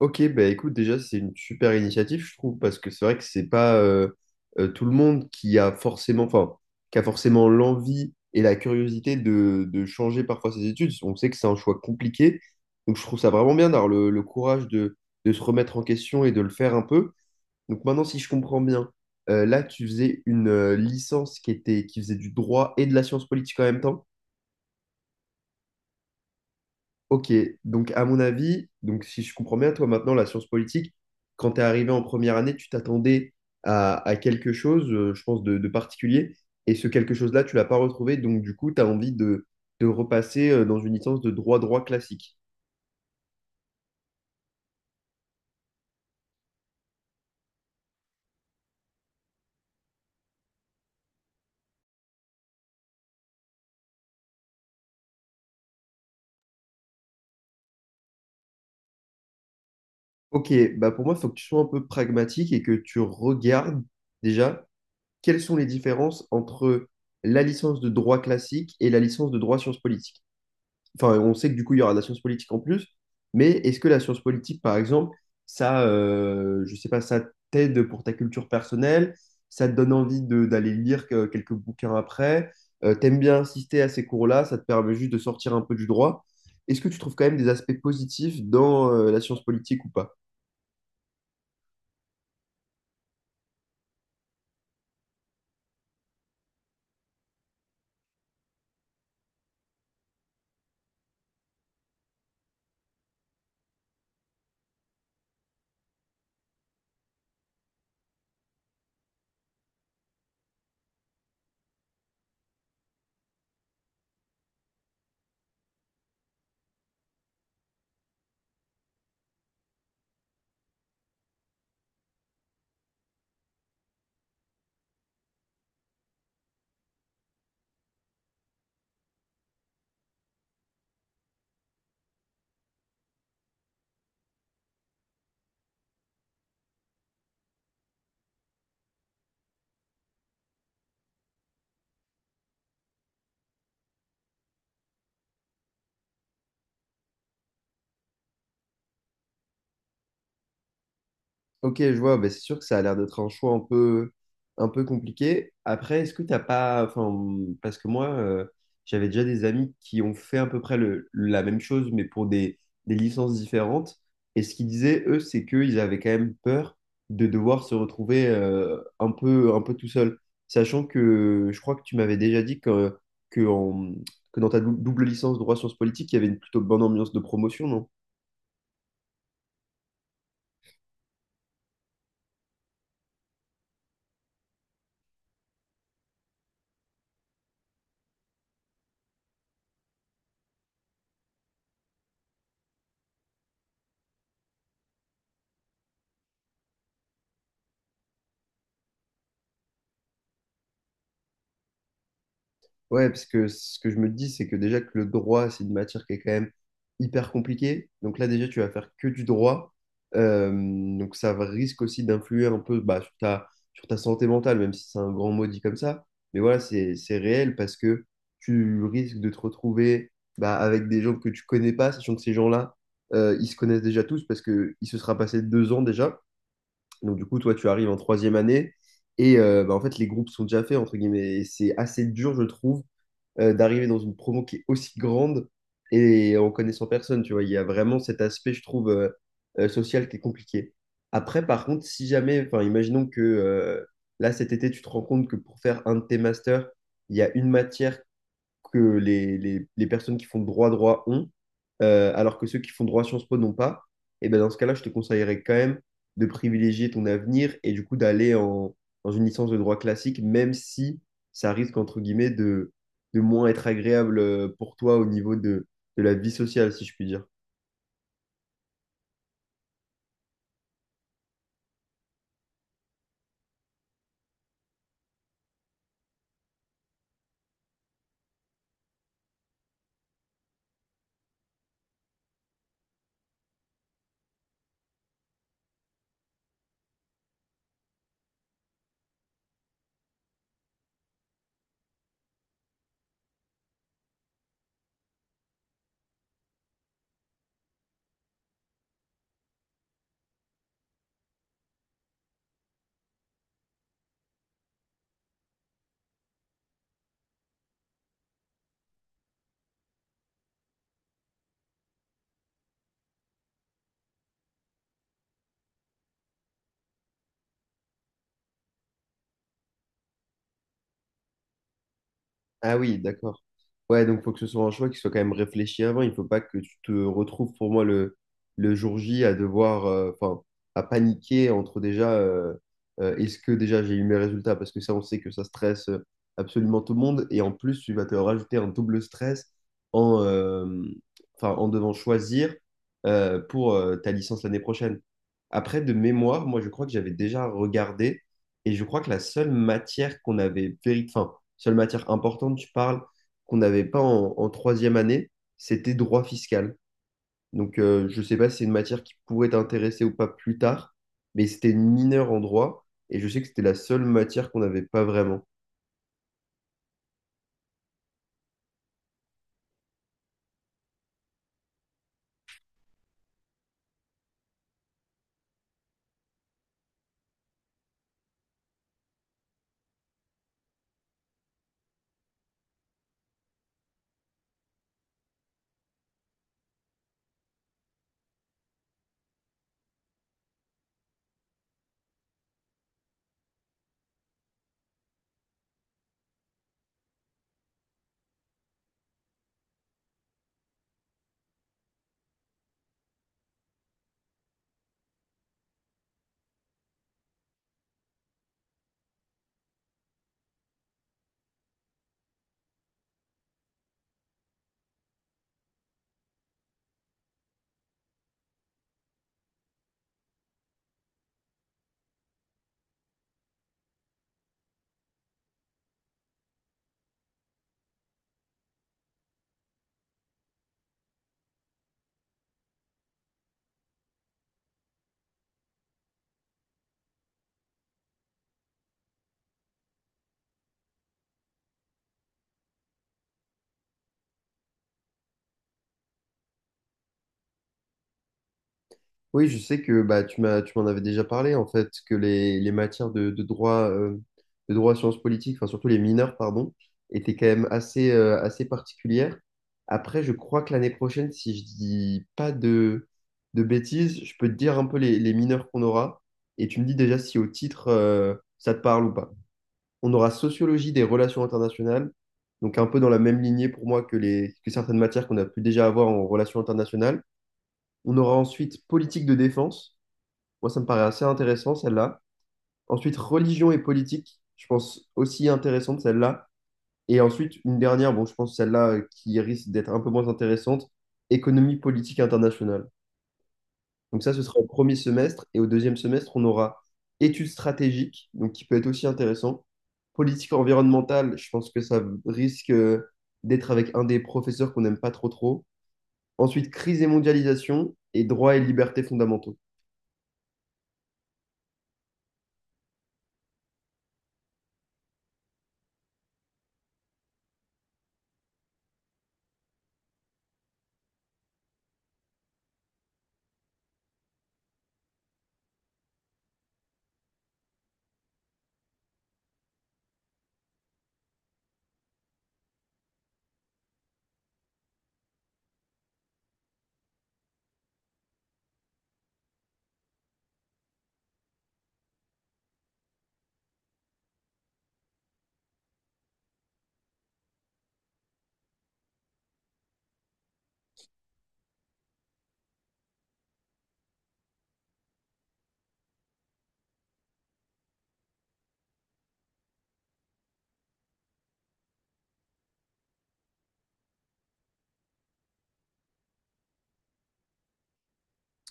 Ok, bah écoute, déjà, c'est une super initiative, je trouve, parce que c'est vrai que c'est pas tout le monde qui a forcément, enfin, qui a forcément l'envie et la curiosité de changer parfois ses études. On sait que c'est un choix compliqué, donc je trouve ça vraiment bien d'avoir le courage de se remettre en question et de le faire un peu. Donc maintenant, si je comprends bien, là, tu faisais une licence qui était, qui faisait du droit et de la science politique en même temps. Ok, donc à mon avis, donc si je comprends bien, toi maintenant, la science politique, quand tu es arrivé en première année, tu t'attendais à quelque chose, je pense, de particulier, et ce quelque chose-là, tu l'as pas retrouvé, donc du coup, tu as envie de repasser dans une licence de droit-droit classique. Ok, bah pour moi, il faut que tu sois un peu pragmatique et que tu regardes déjà quelles sont les différences entre la licence de droit classique et la licence de droit sciences politiques. Enfin, on sait que du coup, il y aura de la science politique en plus, mais est-ce que la science politique, par exemple, ça, je sais pas, ça t'aide pour ta culture personnelle, ça te donne d'aller lire quelques bouquins après, t'aimes bien assister à ces cours-là, ça te permet juste de sortir un peu du droit. Est-ce que tu trouves quand même des aspects positifs dans la science politique ou pas? Ok, je vois, bah, c'est sûr que ça a l'air d'être un choix un peu compliqué. Après, est-ce que t'as pas, enfin, parce que moi, j'avais déjà des amis qui ont fait à peu près la même chose, mais pour des licences différentes. Et ce qu'ils disaient, eux, c'est qu'ils avaient quand même peur de devoir se retrouver un peu tout seul. Sachant que je crois que tu m'avais déjà dit que, que, en- que dans ta double licence droit sciences politiques, il y avait une plutôt bonne ambiance de promotion, non? Ouais, parce que ce que je me dis, c'est que déjà que le droit, c'est une matière qui est quand même hyper compliquée. Donc là, déjà, tu vas faire que du droit. Euh, donc ça risque aussi d'influer un peu bah, sur ta santé mentale, même si c'est un grand mot dit comme ça. Mais voilà, c'est réel parce que tu risques de te retrouver bah, avec des gens que tu connais pas, sachant que ces gens-là, ils se connaissent déjà tous parce que il se sera passé 2 ans déjà. Donc du coup, toi, tu arrives en troisième année. Et bah, en fait, les groupes sont déjà faits, entre guillemets. Et c'est assez dur, je trouve d'arriver dans une promo qui est aussi grande et en connaissant personne, tu vois. Il y a vraiment cet aspect, je trouve, social qui est compliqué. Après, par contre, si jamais, enfin, imaginons que là, cet été, tu te rends compte que pour faire un de tes masters, il y a une matière que les personnes qui font droit droit ont, alors que ceux qui font droit Sciences Po n'ont pas, et ben dans ce cas-là, je te conseillerais quand même de privilégier ton avenir et du coup d'aller en, dans une licence de droit classique, même si ça risque, entre guillemets, de moins être agréable pour toi au niveau de la vie sociale, si je puis dire. Ah oui, d'accord. Ouais, donc faut que ce soit un choix qui soit quand même réfléchi avant. Il faut pas que tu te retrouves pour moi le jour J à devoir, enfin, à paniquer entre déjà, est-ce que déjà j'ai eu mes résultats? Parce que ça, on sait que ça stresse absolument tout le monde. Et en plus, tu vas te rajouter un double stress en, euh, enfin, en devant choisir pour ta licence l'année prochaine. Après, de mémoire, moi, je crois que j'avais déjà regardé et je crois que la seule matière qu'on avait vérifiée, seule matière importante, tu parles, qu'on n'avait pas en, en troisième année, c'était droit fiscal. Donc, je ne sais pas si c'est une matière qui pourrait t'intéresser ou pas plus tard, mais c'était une mineure en droit, et je sais que c'était la seule matière qu'on n'avait pas vraiment. Oui, je sais que bah, tu m'as, tu m'en avais déjà parlé, en fait, que les matières de droit, de droit sciences politiques, enfin surtout les mineurs, pardon, étaient quand même assez, assez particulières. Après, je crois que l'année prochaine, si je dis pas de, de bêtises, je peux te dire un peu les mineurs qu'on aura, et tu me dis déjà si au titre, ça te parle ou pas. On aura sociologie des relations internationales, donc un peu dans la même lignée pour moi que les, que certaines matières qu'on a pu déjà avoir en relations internationales. On aura ensuite politique de défense. Moi, ça me paraît assez intéressant, celle-là. Ensuite, religion et politique, je pense aussi intéressante, celle-là. Et ensuite, une dernière, bon, je pense celle-là qui risque d'être un peu moins intéressante, économie politique internationale. Donc ça, ce sera au premier semestre. Et au deuxième semestre, on aura études stratégiques, donc qui peut être aussi intéressant. Politique environnementale, je pense que ça risque d'être avec un des professeurs qu'on n'aime pas trop trop. Ensuite, crise et mondialisation et droits et libertés fondamentaux.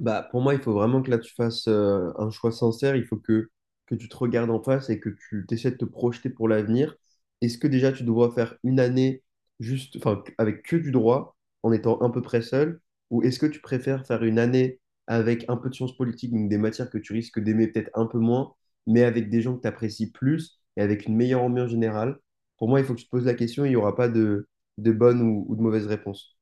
Bah, pour moi, il faut vraiment que là tu fasses un choix sincère. Il faut que tu te regardes en face et que tu essaies de te projeter pour l'avenir. Est-ce que déjà tu dois faire une année juste, enfin, avec que du droit, en étant à peu près seul, ou est-ce que tu préfères faire une année avec un peu de sciences politiques, donc des matières que tu risques d'aimer peut-être un peu moins, mais avec des gens que tu apprécies plus et avec une meilleure ambiance générale? Pour moi, il faut que tu te poses la question. Il n'y aura pas de, de bonne ou de mauvaise réponse.